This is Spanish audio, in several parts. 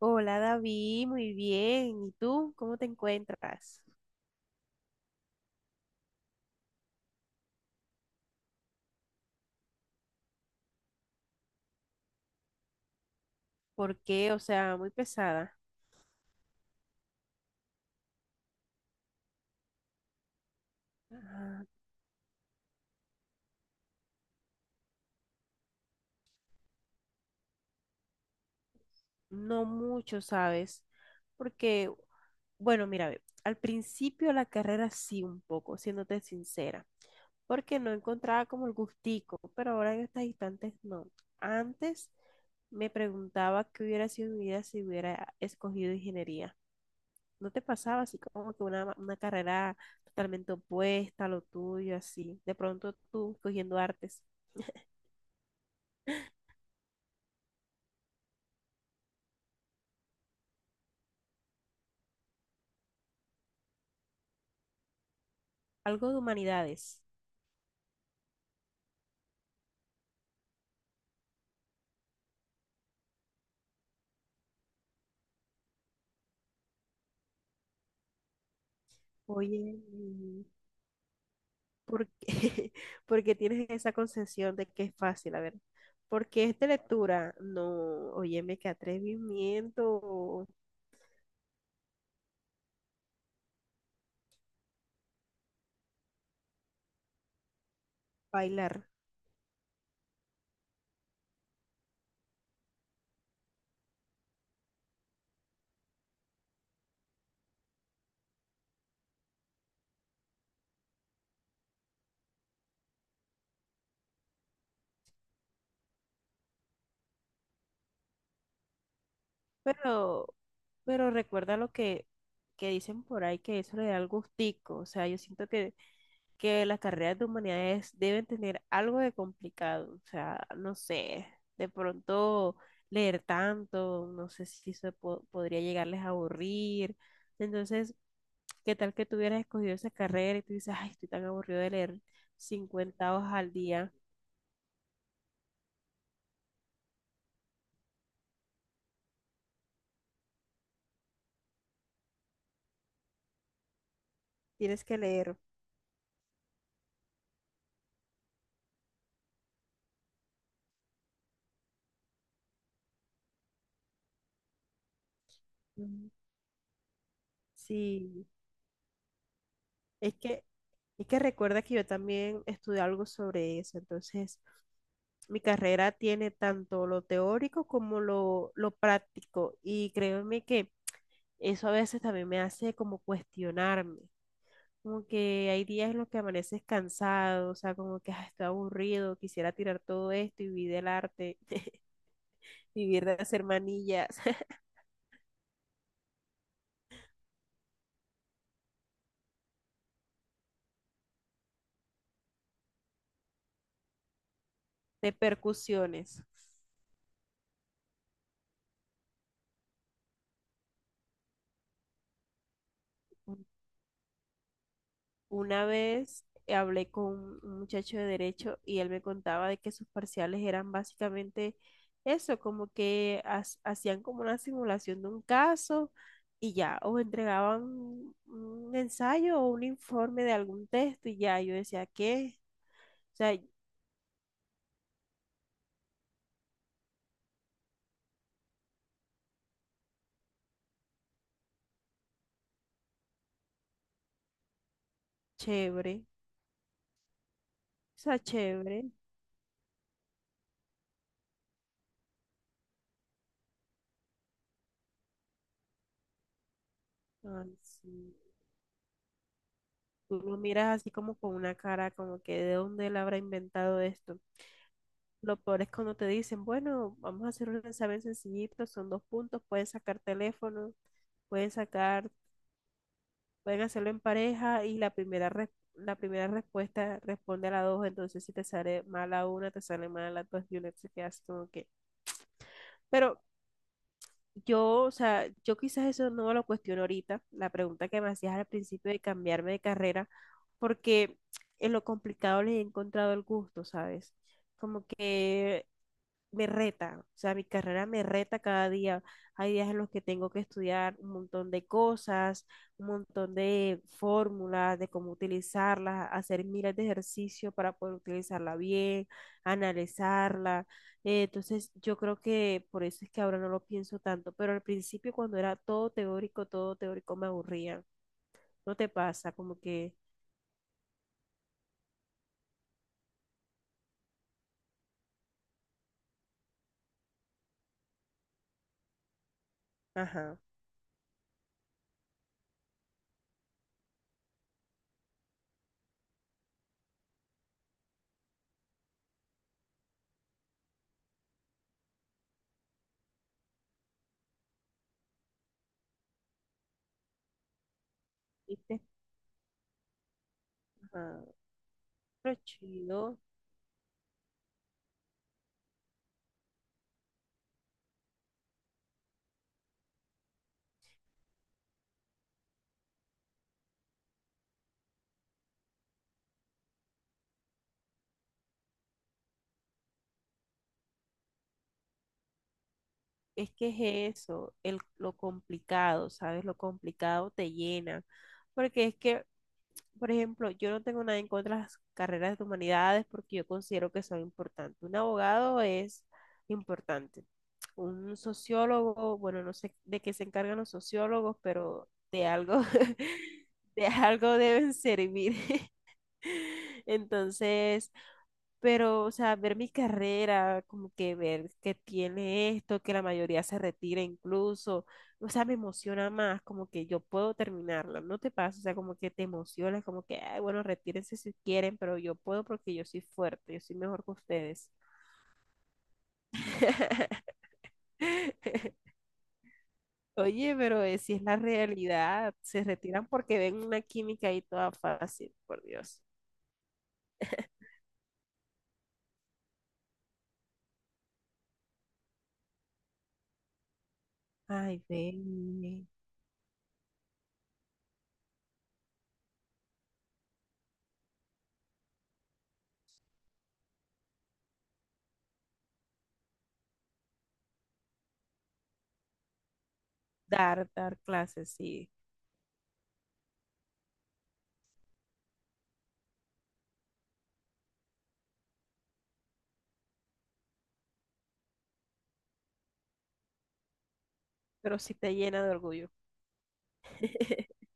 Hola David, muy bien. ¿Y tú cómo te encuentras? ¿Por qué? O sea, muy pesada. Ah, no mucho, ¿sabes? Porque, bueno, mira, ve, al principio la carrera sí un poco, siéndote sincera, porque no encontraba como el gustico, pero ahora en estas instantes no. Antes me preguntaba qué hubiera sido mi vida si hubiera escogido ingeniería. ¿No te pasaba así como que una carrera totalmente opuesta a lo tuyo, así? De pronto tú cogiendo artes, algo de humanidades. Oye, ¿por qué, por qué tienes esa concepción de que es fácil? A ver, ¿por qué es de lectura? No, óyeme, qué atrevimiento bailar. Pero, pero recuerda lo que dicen por ahí, que eso le da el gustico. O sea, yo siento que las carreras de humanidades deben tener algo de complicado, o sea, no sé, de pronto leer tanto, no sé si eso podría llegarles a aburrir. Entonces, ¿qué tal que tú hubieras escogido esa carrera y tú dices, ay, estoy tan aburrido de leer 50 hojas al día? Tienes que leer. Mm, sí, es que, es que recuerda que yo también estudié algo sobre eso, entonces mi carrera tiene tanto lo teórico como lo práctico, y créeme que eso a veces también me hace como cuestionarme, como que hay días en los que amaneces cansado, o sea, como que "Ah, estoy aburrido, quisiera tirar todo esto y vivir del arte, vivir de hacer manillas, de percusiones." Una vez hablé con un muchacho de derecho y él me contaba de que sus parciales eran básicamente eso, como que hacían como una simulación de un caso y ya, o entregaban un ensayo o un informe de algún texto y ya, yo decía, ¿qué? O sea, chévere, o sea, chévere. Ay, sí. Tú lo miras así como con una cara, como que de dónde él habrá inventado esto. Lo peor es cuando te dicen, bueno, vamos a hacer un examen sencillito, son dos puntos, pueden sacar teléfono, pueden sacar, pueden hacerlo en pareja y la primera, la primera respuesta responde a la dos, entonces si te sale mal a una, te sale mal a las dos y una se queda así como que. Pero yo, o sea, yo quizás eso no me lo cuestiono ahorita, la pregunta que me hacías al principio de cambiarme de carrera, porque en lo complicado le he encontrado el gusto, ¿sabes? Como que me reta, o sea, mi carrera me reta cada día. Hay días en los que tengo que estudiar un montón de cosas, un montón de fórmulas, de cómo utilizarlas, hacer miles de ejercicios para poder utilizarla bien, analizarla. Entonces, yo creo que por eso es que ahora no lo pienso tanto, pero al principio cuando era todo teórico me aburría. ¿No te pasa? Como que, ajá, ¿viste? Ajá, pero chido. Es que es eso, el, lo complicado, ¿sabes? Lo complicado te llena. Porque es que, por ejemplo, yo no tengo nada en contra de las carreras de humanidades porque yo considero que son importantes. Un abogado es importante. Un sociólogo, bueno, no sé de qué se encargan los sociólogos, pero de algo, de algo deben servir. Entonces, pero, o sea, ver mi carrera, como que ver que tiene esto, que la mayoría se retira incluso, o sea, me emociona más, como que yo puedo terminarla, ¿no te pasa? O sea, como que te emociona, como que, ay, bueno, retírense si quieren, pero yo puedo porque yo soy fuerte, yo soy mejor que ustedes. Oye, pero si es la realidad, se retiran porque ven una química ahí toda fácil, por Dios. Ay, ven, dar clases, sí, pero sí te llena de orgullo.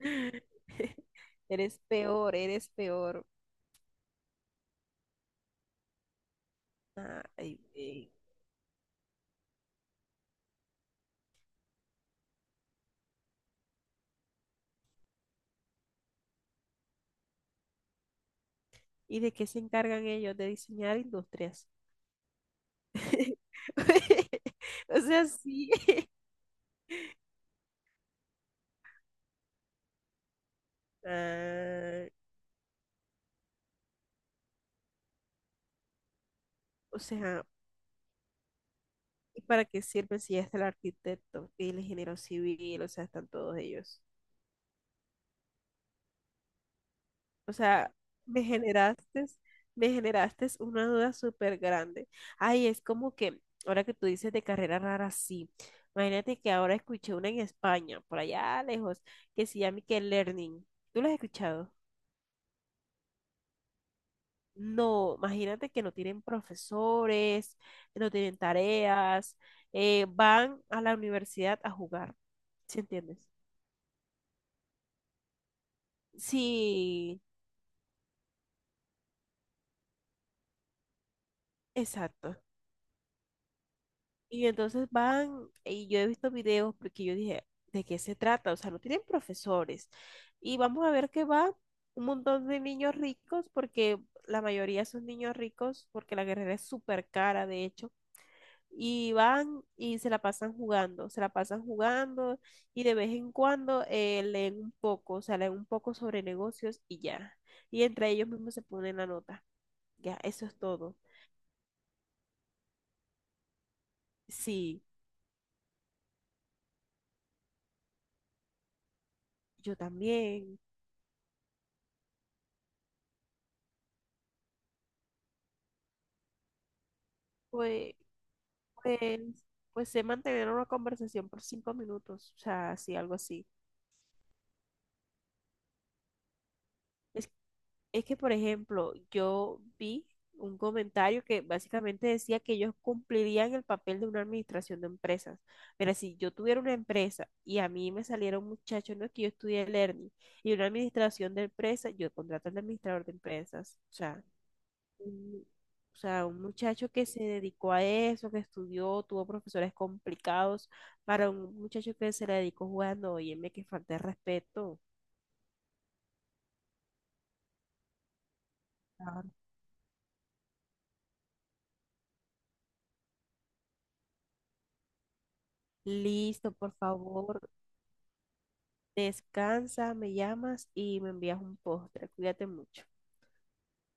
Eres peor, eres peor. Ay, güey. ¿Y de qué se encargan ellos? De diseñar industrias. O sea, sí. Ah, o sea, ¿y para qué sirven si ya está el arquitecto y el ingeniero civil? O sea, están todos ellos. O sea, me generaste, me generaste una duda súper grande. Ay, es como que, ahora que tú dices de carrera rara, sí. Imagínate que ahora escuché una en España, por allá lejos, que se llama que Learning. ¿Tú la has escuchado? No, imagínate que no tienen profesores, no tienen tareas, van a la universidad a jugar. ¿Sí entiendes? Sí, exacto. Y entonces van, y yo he visto videos porque yo dije, ¿de qué se trata? O sea, no tienen profesores. Y vamos a ver que va un montón de niños ricos, porque la mayoría son niños ricos, porque la carrera es súper cara, de hecho. Y van y se la pasan jugando, se la pasan jugando y de vez en cuando leen un poco, o sea, leen un poco sobre negocios y ya. Y entre ellos mismos se ponen la nota. Ya, eso es todo. Sí, yo también. Pues Pues, pues sé mantener una conversación por 5 minutos, o sea, así, algo así. Es, es que, por ejemplo, yo vi un comentario que básicamente decía que ellos cumplirían el papel de una administración de empresas. Mira, si yo tuviera una empresa y a mí me saliera un muchacho, no es que yo estudié Learning, y una administración de empresas, yo contrato al administrador de empresas, o sea, un- o sea, un muchacho que se dedicó a eso, que estudió, tuvo profesores complicados, para un muchacho que se le dedicó jugando, óyeme, que falta de respeto. Claro. Listo, por favor, descansa, me llamas y me envías un postre. Cuídate mucho.